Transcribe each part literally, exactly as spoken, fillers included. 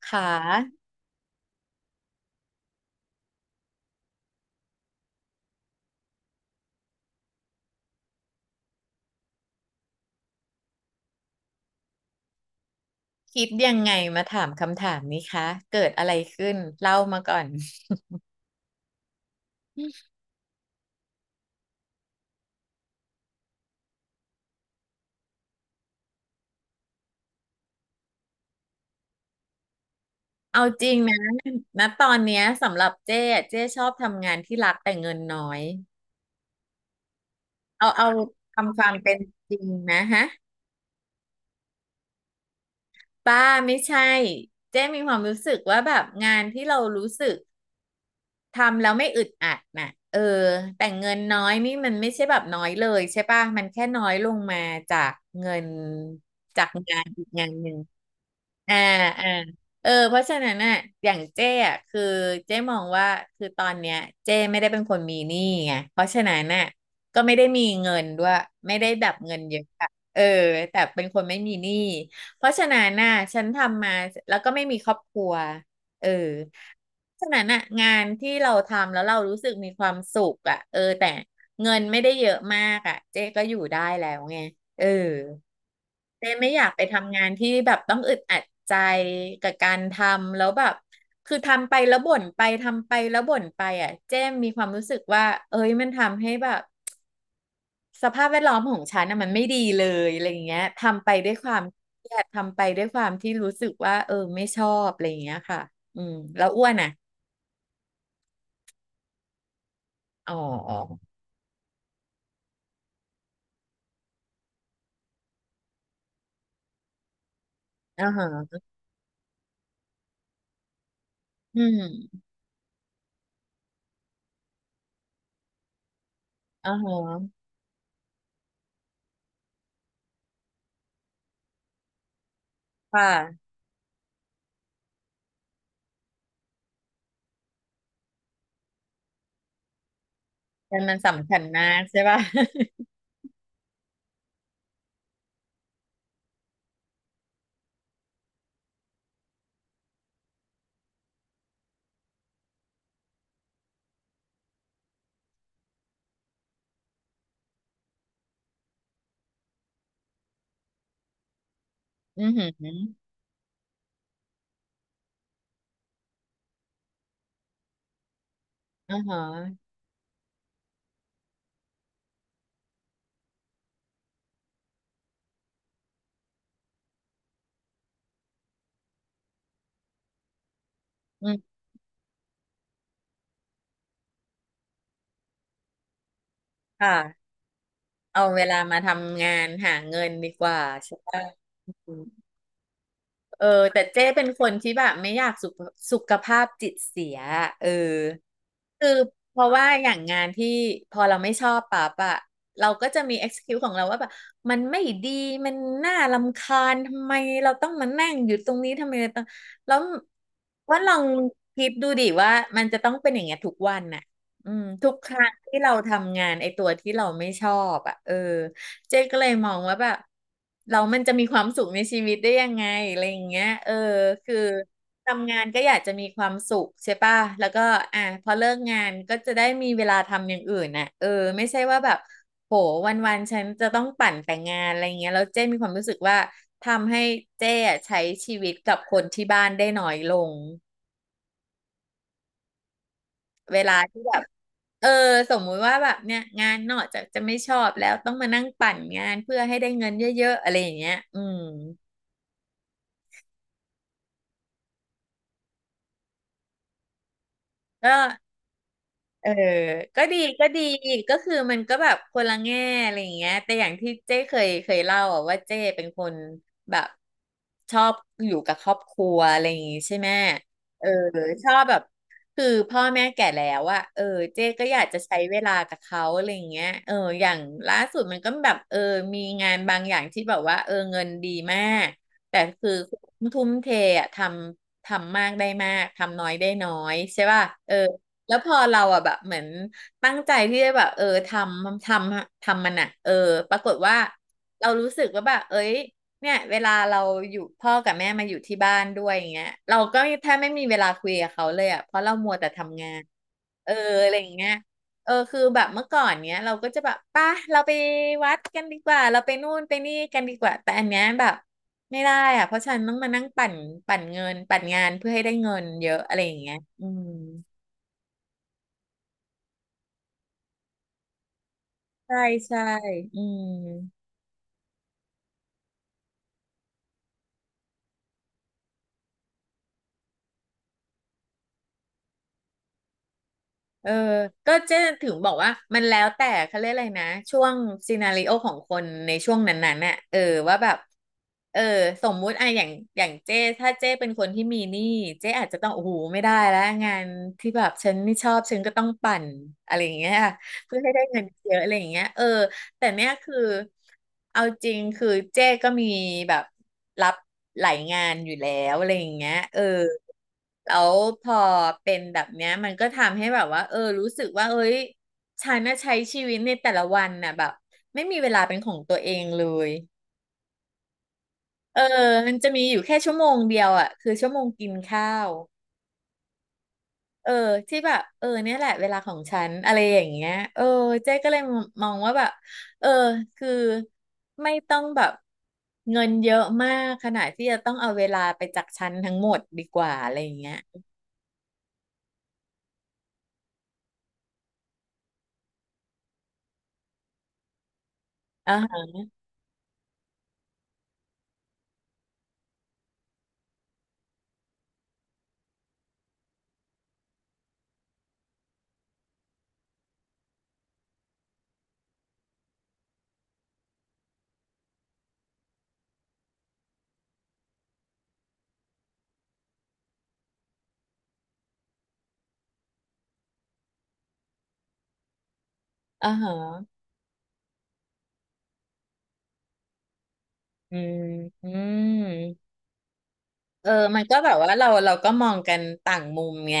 ค่ะคิดยังไงมาถามคำถามนี้คะเกิดอะไรขึ้นเล่ามาก่อนเอาจริงนะณตอนเนี้ยสำหรับเจ๊อะเจ๊ชอบทำงานที่รักแต่เงินน้อยเอาเอาทำความเป็นจริงนะฮะป้าไม่ใช่เจ๊มีความรู้สึกว่าแบบงานที่เรารู้สึกทำแล้วไม่อึดอัดน่ะเออแต่เงินน้อยนี่มันไม่ใช่แบบน้อยเลยใช่ป่ะมันแค่น้อยลงมาจากเงินจากงานอีกงานหนึ่ง อ่าอ่าเออเพราะฉะนั้นน่ะอย่างเจ้อ่ะคือเจ้มองว่าคือตอนเนี้ยเจ้ไม่ได้เป็นคนมีหนี้ไงเพราะฉะนั้นน่ะก็ไม่ได้มีเงินด้วยไม่ได้แบบเงินเยอะอะเออแต่เป็นคนไม่มีหนี้เพราะฉะนั้นน่ะฉันทำมาแล้วก็ไม่มีครอบครัวเออเพราะฉะนั้นน่ะงานที่เราทำแล้วเรารู้สึกมีความสุขอ่ะเออแต่เงินไม่ได้เยอะมากอ่ะเจ๊ก็อยู่ได้แล้วไงเออ เจ๊ไม่อยากไปทำงานที่แบบต้องอึดอัดใจกับการทำแล้วแบบคือทำไปแล้วบ่นไปทำไปแล้วบ่นไปอ่ะเจ๊มีความรู้สึกว่าเอ้ยมันทำให้แบบสภาพแวดล้อมของฉันน่ะมันไม่ดีเลยอะไรอย่างเงี้ยทำไปด้วยความเครียดทำไปด้วยความที่รู้สึกว่าเออไม่ชอบอะไรอย่างเงี้ยค่ะอืมแล้วอ้วนอ่ะอ๋ออ่าฮะอืมอ่าฮะค่ะแต่มันสำคัญมากใช่ป่ะ อือหืออ่าฮะอืมค่ะ เอาเวลามาทำงานหาเงินดีกว่าใช่ปะอืมเออแต่เจ้เป็นคนที่แบบไม่อยากสุขสุขภาพจิตเสียเออคือเพราะว่าอย่างงานที่พอเราไม่ชอบปั๊บอะเราก็จะมี เอ็กซ์คิวส์ ของเราว่าแบบมันไม่ดีมันน่ารำคาญทำไมเราต้องมานั่งอยู่ตรงนี้ทำไมเราต้องแล้วว่าลองคิดดูดิว่ามันจะต้องเป็นอย่างเงี้ยทุกวันน่ะอืมทุกครั้งที่เราทำงานไอ้ตัวที่เราไม่ชอบอะเออ เจ๊ก็เลยมองว่าแบบเรามันจะมีความสุขในชีวิตได้ยังไงอะไรอย่างเงี้ยเออคือทำงานก็อยากจะมีความสุขใช่ป่ะแล้วก็อ่ะพอเลิกงานก็จะได้มีเวลาทำอย่างอื่นน่ะเออไม่ใช่ว่าแบบโหวันๆฉันจะต้องปั่นแต่งงานอะไรเงี้ยแล้วเจ้มีความรู้สึกว่าทำให้เจ้อะใช้ชีวิตกับคนที่บ้านได้น้อยลง เวลาที่แบบเออสมมุติว่าแบบเนี่ยงานนอกจากจะไม่ชอบแล้วต้องมานั่งปั่นงานเพื่อให้ได้เงินเยอะๆอะไรอย่างเงี้ยอืมก็ เออก็ดีก็ดีก็คือมันก็แบบคนละแง่อะไรอย่างเงี้ยแต่อย่างที่เจ้เคยเคยเล่าอะว่าเจ้เป็นคนแบบชอบอยู่กับครอบครัวอะไรอย่างงี้ใช่ไหมเออชอบแบบคือพ่อแม่แก่แล้วอะเออเจ้ก็อยากจะใช้เวลากับเขาอะไรอย่างเงี้ยเอออย่างล่าสุดมันก็แบบเออมีงานบางอย่างที่แบบว่าเออเงินดีมากแต่คือทุ่มเทอะทำทำมากได้มากทำน้อยได้น้อยใช่ป่ะเออ แล้วพอเราอ่ะแบบเหมือนตั้งใจที่จะแบบเออทำทำทำมันอ่ะเออปรากฏว่าเรารู้สึกว่าแบบเอ้ยเนี่ยเวลาเราอยู่พ่อกับแม่มาอยู่ที่บ้านด้วยอย่างเงี้ยเราก็แทบไม่มีเวลาคุยกับเขาเลยอ่ะเพราะเรามัวแต่ทำงานเอออะไรอย่างเงี้ยเออคือแบบเมื่อก่อนเนี้ยเราก็จะแบบป่ะเราไปวัดกันดีกว่าเราไปนู่นไปนี่กันดีกว่าแต่อันเนี้ยแบบไม่ได้อ่ะเพราะฉันต้องมานั่งปั่นปั่นเงินปั่นงานเพื่อให้ได้เงินเยอะอะไรอย่างเงี้ยอืม ใช่ใช่ อืมเออ ก็เจ๊ถึงบอกว่ามันแล้วแต่เขาเรียกอะไรนะช่วงซีนาริโอของคนในช่วงนั้นๆน่ะเออว่าแบบ เออสมมุติอะอย่างอย่างเจ๊ถ้าเจ๊เป็นคนที่มีหนี้เจ๊อาจจะต้องโอ้โหไม่ได้แล้วงานที่แบบฉันไม่ชอบฉันก็ต้องปั่นอะไรอย่างเงี้ยเพื่อให้ได้เงินเยอะอะไรอย่างเงี้ยเออ แต่เนี่ยคือเอาจริงคือเจ้ก็มีแบบรับหลายงานอยู่แล้วอะไรอย่างเงี้ยเออแล้วพอเป็นแบบเนี้ยมันก็ทำให้แบบว่าเออรู้สึกว่าเอ้ยฉันน่ะใช้ชีวิตในแต่ละวันน่ะแบบไม่มีเวลาเป็นของตัวเองเลยเออมันจะมีอยู่แค่ชั่วโมงเดียวอ่ะคือชั่วโมงกินข้าว เออที่แบบเออเนี่ยแหละเวลาของฉันอะไรอย่างเงี้ยเออเจ๊ก็เลยมองว่าแบบเออคือไม่ต้องแบบเงินเยอะมากขนาดที่จะต้องเอาเวลาไปจากฉันทั้งหมดดีกว่าอะไรอย่างเงี้ยอ่าฮะอ่าฮะอืมอืมเออมันก็แบบว่าเราเราก็มองกันต่างมุมไง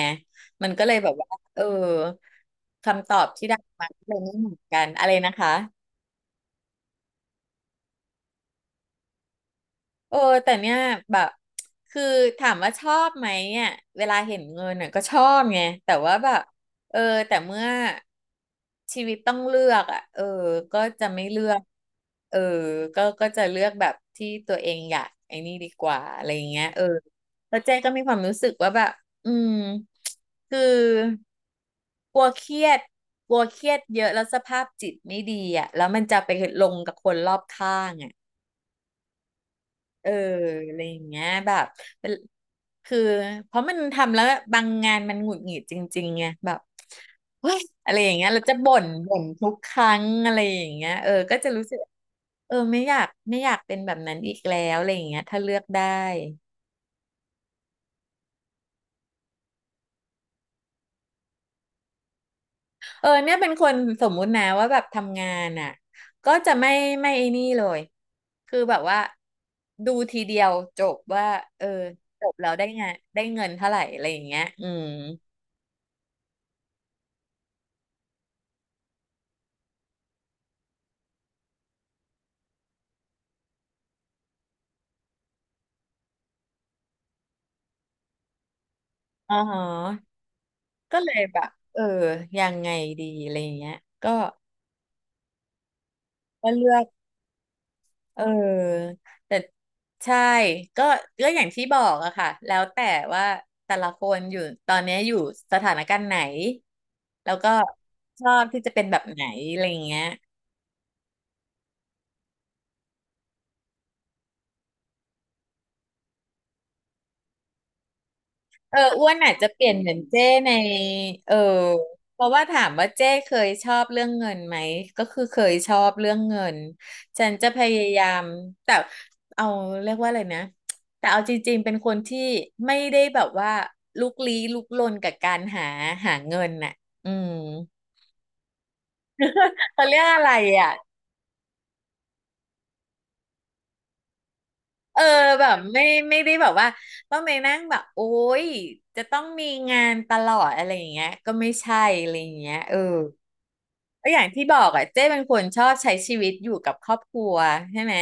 มันก็เลยแบบว่าเออคำตอบที่ได้มาก็เลยไม่เหมือนกันอะไรนะคะ เออแต่เนี่ยแบบคือถามว่าชอบไหมอ่ะเวลาเห็นเงินน่ะก็ชอบไงแต่ว่าแบบเออแต่เมื่อชีวิตต้องเลือกอ่ะเออก็จะไม่เลือกเออก็ก็จะเลือกแบบที่ตัวเองอยากไอ้นี่ดีกว่าอะไรอย่างเงี้ยเออแล้วเจ๊ก็มีความรู้สึกว่าแบบอืมคือกลัวเครียดกลัวเครียดเยอะแล้วสภาพจิตไม่ดีอ่ะแล้วมันจะไปลงกับคนรอบข้างอ่ะ เอออะไรอย่างเงี้ยแบบเป็นคือเพราะมันทำแล้วบางงานมันหงุดหงิดจริงๆไงแบบเฮ้ยอะไรอย่างเงี้ยเราจะบ่นบ่นทุกครั้งอะไรอย่างเงี้ยเออก็จะรู้สึกเออไม่อยากไม่อยากเป็นแบบนั้นอีกแล้วอะไรอย่างเงี้ยถ้าเลือกได้เออเนี่ยเป็นคนสมมุตินะว่าแบบทำงานอ่ะก็จะไม่ไม่ไอ้นี่เลยคือแบบว่าดูทีเดียวจบว่าเออจบแล้วได้งานได้เงินเท่าไหร่อะไรอย่างเงี้ยอืมอ๋อ ก็เลยแบบเออยังไงดีอะไรอย่างเงี้ยก็ก็เลือกเออแต่ใช่ก็ก็อย่างที่บอกอะค่ะแล้วแต่ว่าแต่ละคนอยู่ตอนเนี้ยอยู่สถานการณ์ไหนแล้วก็ชอบที่จะเป็นแบบไหนอะไรอย่างเงี้ย เอออ้วนอาจจะเปลี่ยนเหมือนเจ้ในเออเพราะว่าถามว่าเจ้เคยชอบเรื่องเงินไหมก็คือเคยชอบเรื่องเงินฉันจะพยายามแต่เอาเรียกว่าอะไรนะแต่เอาจริงๆเป็นคนที่ไม่ได้แบบว่าลุกลี้ลุกลนกับการหาหาเงินน่ะอืมเขาเรียกอะไรอ่ะเออแบบไม่ไม่ได้แบบว่าต้องไปนั่งแบบโอ๊ยจะต้องมีงานตลอดอะไรอย่างเงี้ยก็ไม่ใช่อะไรอย่างเงี้ยเออ ก็อย่างที่บอกอ่ะเจ้เป็นคนชอบใช้ชีวิตอยู่กับครอบครัวใช่ไหม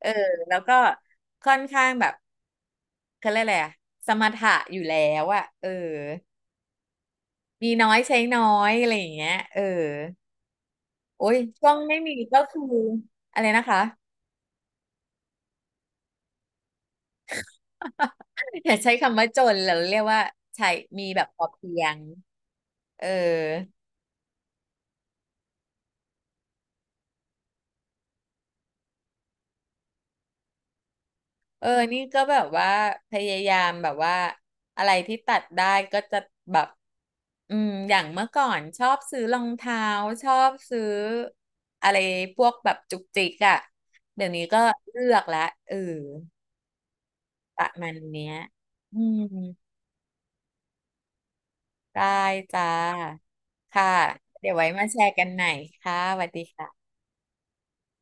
เออแล้วก็ค่อนข้างแบบเขาเรียกอะไรอะสมถะอยู่แล้วอ่ะเออมีน้อยใช้น้อยอะไรอย่างเงี้ยเออโอ้ยช่วงไม่มีก็คืออะไรนะคะ อย่าใช้คำว่าจนเราเรียกว่าใช้มีแบบพอเพียงเออ เออ นี่ก็แบบว่าพยายามแบบว่าอะไรที่ตัดได้ก็จะแบบอืมอย่างเมื่อก่อนชอบซื้อรองเท้าชอบซื้ออะไรพวกแบบจุกจิกอะเดี๋ยวนี้ก็เลือกละเออประมาณเนี้ยอืมได้จ้าค่ะเดี๋ยวไว้มาแชร์กันใหม่ค่ะสวัสดีค่ะ